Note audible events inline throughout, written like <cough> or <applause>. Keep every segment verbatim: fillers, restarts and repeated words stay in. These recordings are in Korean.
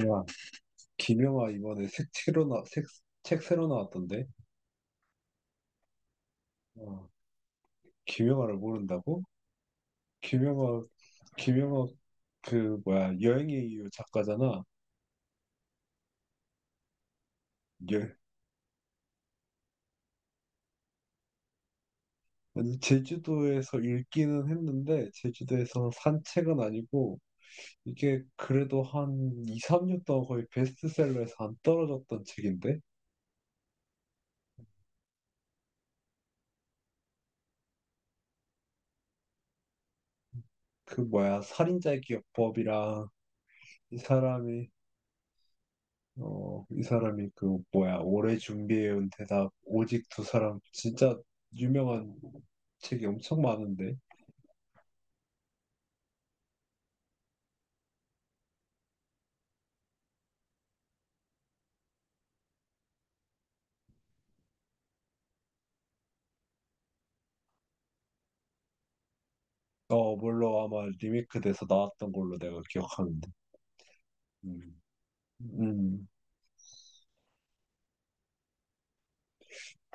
야, 김영하 이번에 색 새로 나, 색, 책 새로 나왔던데? 어, 김영하를 모른다고? 김영하, 김영하, 그, 뭐야, 여행의 이유 작가잖아. 여, 아니, 제주도에서 읽기는 했는데, 제주도에서 산 책은 아니고, 이게 그래도 한 이, 삼 년 동안 거의 베스트셀러에서 안 떨어졌던 책인데? 그, 뭐야, 살인자의 기억법이랑, 이 사람이 어, 이 사람이 그 뭐야 오래 준비해온 대답 오직 두 사람 진짜 유명한 책이 엄청 많은데 어, 물론 아마 리메이크돼서 나왔던 걸로 내가 기억하는데. 음. 음.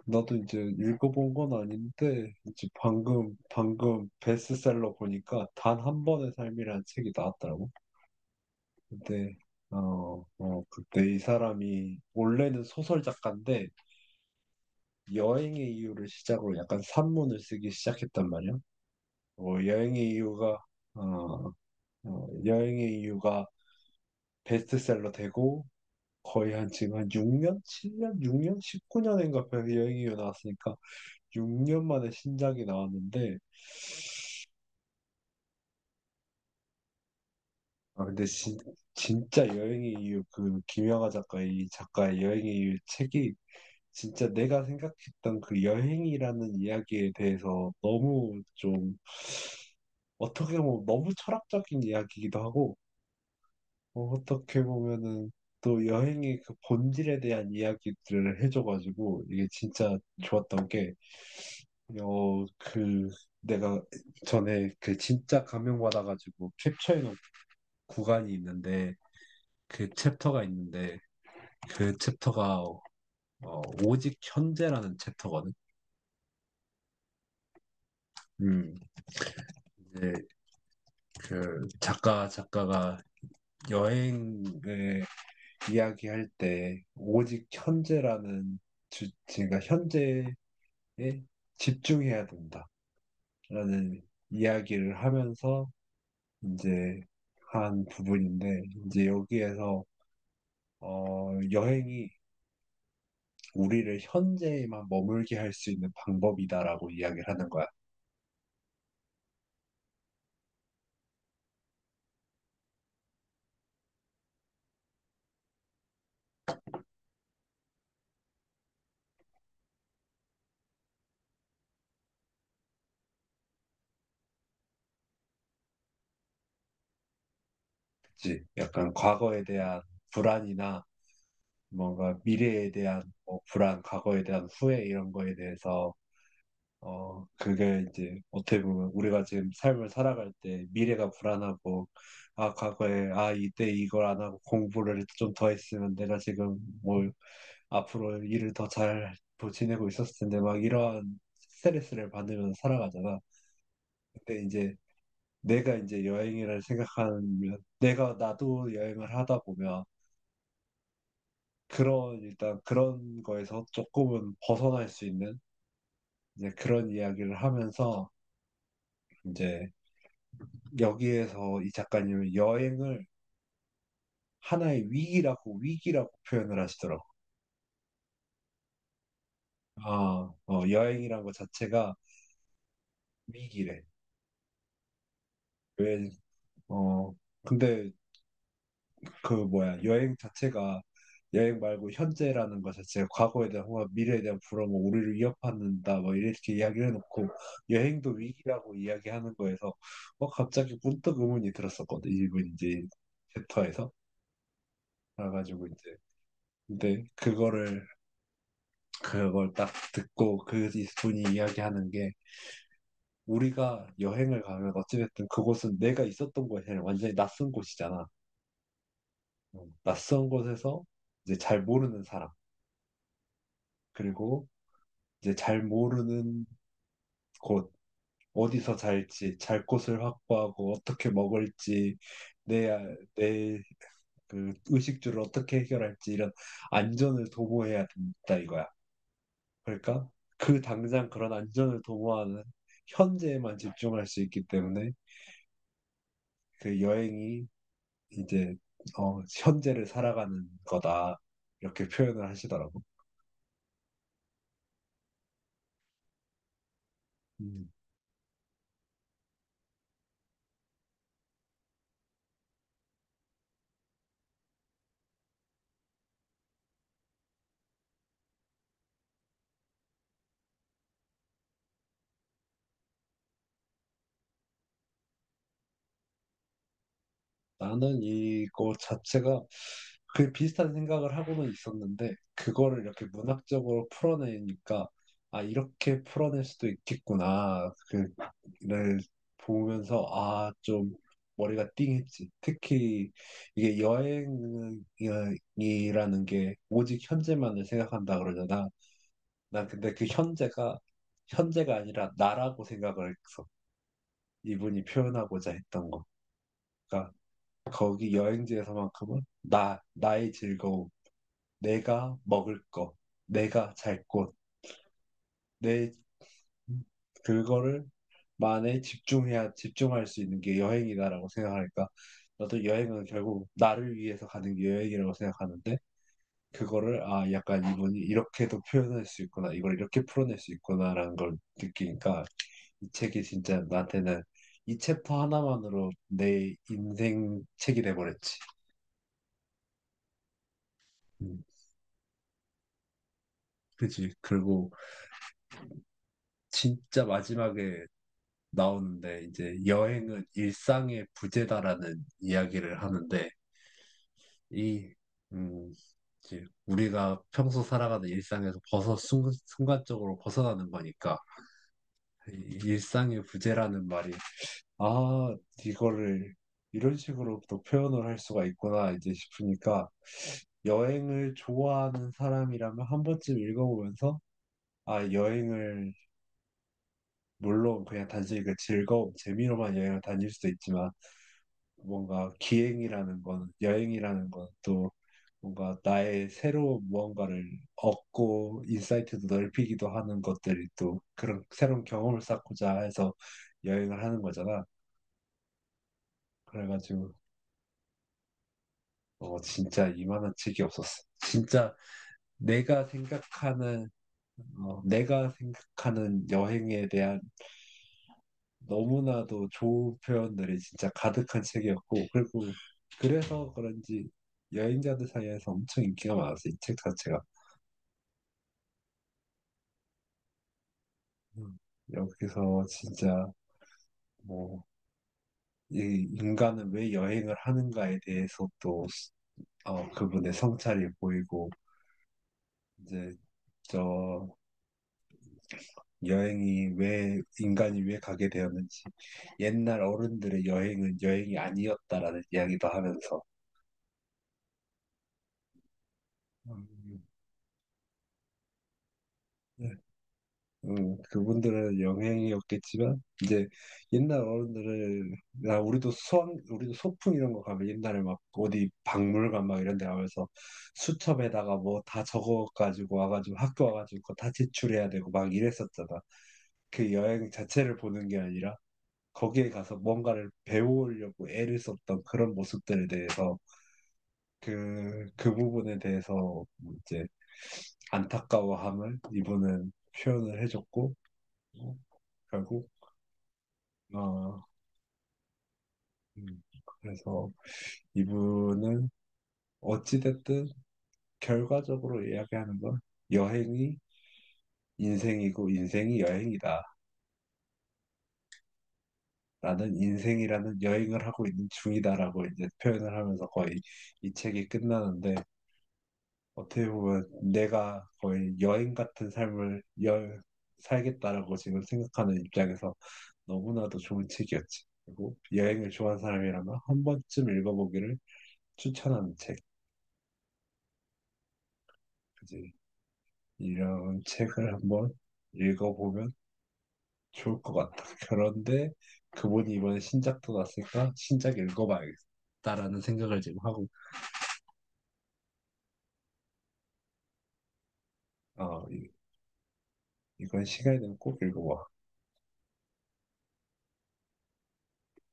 나도 이제 읽어본 건 아닌데 이제 방금 방금 베스트셀러 보니까 단 한 번의 삶이라는 책이 나왔더라고. 근데 어, 어 그때 이 사람이 원래는 소설 작가인데 여행의 이유를 시작으로 약간 산문을 쓰기 시작했단 말이야. 어, 여행의 이유가 어, 어, 여행의 이유가 베스트셀러 되고 거의 한 지금 한 육 년, 칠 년, 육 년, 십구 년인가 여행의 이유 나왔으니까 육 년 만에 신작이 나왔는데, 아 근데 진, 진짜 여행의 이유 그 김영하 작가의 이 작가의 여행의 이유 책이 진짜 내가 생각했던 그 여행이라는 이야기에 대해서 너무 좀 어떻게 보면 너무 철학적인 이야기이기도 하고, 어, 떻게 보면은 또 여행의 그 본질에 대한 이야기들을 해줘가지고, 이게 진짜 좋았던 게, 어, 그, 내가 전에 그 진짜 감명받아가지고 캡처해놓은 구간이 있는데, 그 챕터가 있는데, 그 챕터가, 어, 오직 현재라는 챕터거든. 음, 이제 그 작가, 작가가 여행을 이야기할 때 오직 현재라는 주, 그러니까 현재에 집중해야 된다라는 이야기를 하면서 이제 한 부분인데, 이제 여기에서 어, 여행이 우리를 현재에만 머물게 할 수 있는 방법이다라고 이야기를 하는 거야. 그치? 약간 과거에 대한 불안이나 뭔가 미래에 대한 뭐 불안, 과거에 대한 후회 이런 거에 대해서 어, 그게 이제 어떻게 보면 우리가 지금 삶을 살아갈 때 미래가 불안하고, 아, 과거에, 아, 이때 이걸 안 하고 공부를 좀 더 했으면 내가 지금 뭐 앞으로 일을 더 잘 지내고 있었을 텐데, 막 이러한 스트레스를 받으면서 살아가잖아. 근데 이제 내가 이제 여행이라 생각하면, 내가 나도 여행을 하다 보면, 그런, 일단 그런 거에서 조금은 벗어날 수 있는 이제 그런 이야기를 하면서, 이제 여기에서 이 작가님은 여행을 하나의 위기라고 위기라고 표현을 하시더라고. 아, 어, 여행이란 것 자체가 위기래. 왜, 어, 근데 그 뭐야, 여행 자체가 여행 말고 현재라는 것 자체가 과거에 대한 호화, 미래에 대한 불안, 뭐 우리를 위협한다, 뭐 이렇게 이야기를 해놓고 여행도 위기라고 이야기하는 거에서 어, 갑자기 문득 의문이 들었었거든, 이분 이제 챕터에서. 그래가지고 이제 근데 그거를 그걸 딱 듣고 그 분이 이야기하는 게, 우리가 여행을 가면 어찌됐든 그곳은 내가 있었던 곳이 아니라 완전히 낯선 곳이잖아. 어, 낯선 곳에서 이제 잘 모르는 사람, 그리고 이제 잘 모르는 곳, 어디서 잘지, 잘 곳을 확보하고 어떻게 먹을지, 내, 내, 그 의식주를 어떻게 해결할지, 이런 안전을 도모해야 된다 이거야. 그러니까 그 당장 그런 안전을 도모하는 현재에만 집중할 수 있기 때문에 그 여행이 이제 어, 현재를 살아가는 거다, 이렇게 표현을 하시더라고. 음, 나는 이거 자체가 그 비슷한 생각을 하고는 있었는데 그거를 이렇게 문학적으로 풀어내니까, 아, 이렇게 풀어낼 수도 있겠구나, 그를 보면서 아 좀 머리가 띵했지. 특히 이게 여행이라는 게 오직 현재만을 생각한다 그러잖아. 난 근데 그 현재가 현재가 아니라 나라고 생각을 했어, 이분이 표현하고자 했던 거. 그러니까 거기 여행지에서만큼은 나, 나의 즐거움, 내가 먹을 거, 내가 잘 곳, 내 그거를 만에 집중해야 집중할 수 있는 게 여행이다라고 생각하니까, 나도 여행은 결국 나를 위해서 가는 게 여행이라고 생각하는데, 그거를 아 약간 이분이 이렇게도 표현할 수 있구나, 이걸 이렇게 풀어낼 수 있구나라는 걸 느끼니까 이 책이 진짜 나한테는 이 챕터 하나만으로 내 인생 책이 돼버렸지. 음, 그지. 그리고 진짜 마지막에 나오는데 이제 여행은 일상의 부재다라는 이야기를 하는데, 이, 음, 이제 우리가 평소 살아가는 일상에서 벗어 순, 순간적으로 벗어나는 거니까 이 일상의 부재라는 말이 아 이거를 이런 식으로 또 표현을 할 수가 있구나 이제 싶으니까, 여행을 좋아하는 사람이라면 한 번쯤 읽어보면서, 아, 여행을, 물론 그냥 단순히 그 즐거움, 재미로만 여행을 다닐 수도 있지만, 뭔가 기행이라는 건, 여행이라는 건 또 뭔가 나의 새로운 무언가를 얻고, 인사이트도 넓히기도 하는 것들이, 또 그런 새로운 경험을 쌓고자 해서 여행을 하는 거잖아. 그래가지고, 어, 진짜 이만한 책이 없었어. 진짜 내가 생각하는 어, 내가 생각하는 여행에 대한 너무나도 좋은 표현들이 진짜 가득한 책이었고, 그리고 그래서 그런지 여행자들 사이에서 엄청 인기가 많았어, 이 책 자체가. 음. 여기서 진짜 뭐, 이 인간은 왜 여행을 하는가에 대해서 또, 어, 그분의 성찰이 보이고, 이제 저 여행이 왜 인간이 왜 가게 되었는지, 옛날 어른들의 여행은 여행이 아니었다라는 이야기도 하면서. 음, 네. 음, 그분들은 영향이 없겠지만 이제 옛날 어른들은, 나 우리도 수학 우리도 소풍 이런 거 가면 옛날에 막 어디 박물관 막 이런 데 가면서 수첩에다가 뭐 다 적어 가지고 와가지고 학교 와가지고 그거 다 제출해야 되고 막 이랬었잖아. 그 여행 자체를 보는 게 아니라 거기에 가서 뭔가를 배우려고 애를 썼던 그런 모습들에 대해서, 그 그 부분에 대해서 이제 안타까워함을 이분은 표현을 해줬고. 결국 어, 음, 그래서 이분은 어찌됐든 결과적으로 이야기하는 건 여행이 인생이고 인생이 여행이다. 나는 인생이라는 여행을 하고 있는 중이다라고 이제 표현을 하면서 거의 이 책이 끝나는데, 어떻게 보면 내가 거의 여행 같은 삶을 여, 살겠다라고 지금 생각하는 입장에서 너무나도 좋은 책이었지. 그리고 여행을 좋아하는 사람이라면 한 번쯤 읽어보기를 추천하는 책. 그지? 이런 책을 한번 읽어보면 좋을 것 같다. <laughs> 그런데 그분이 이번에 신작도 났으니까 신작 읽어봐야겠다라는 생각을 지금 하고, 어, 이, 이건 시간이 되면 꼭 읽어봐.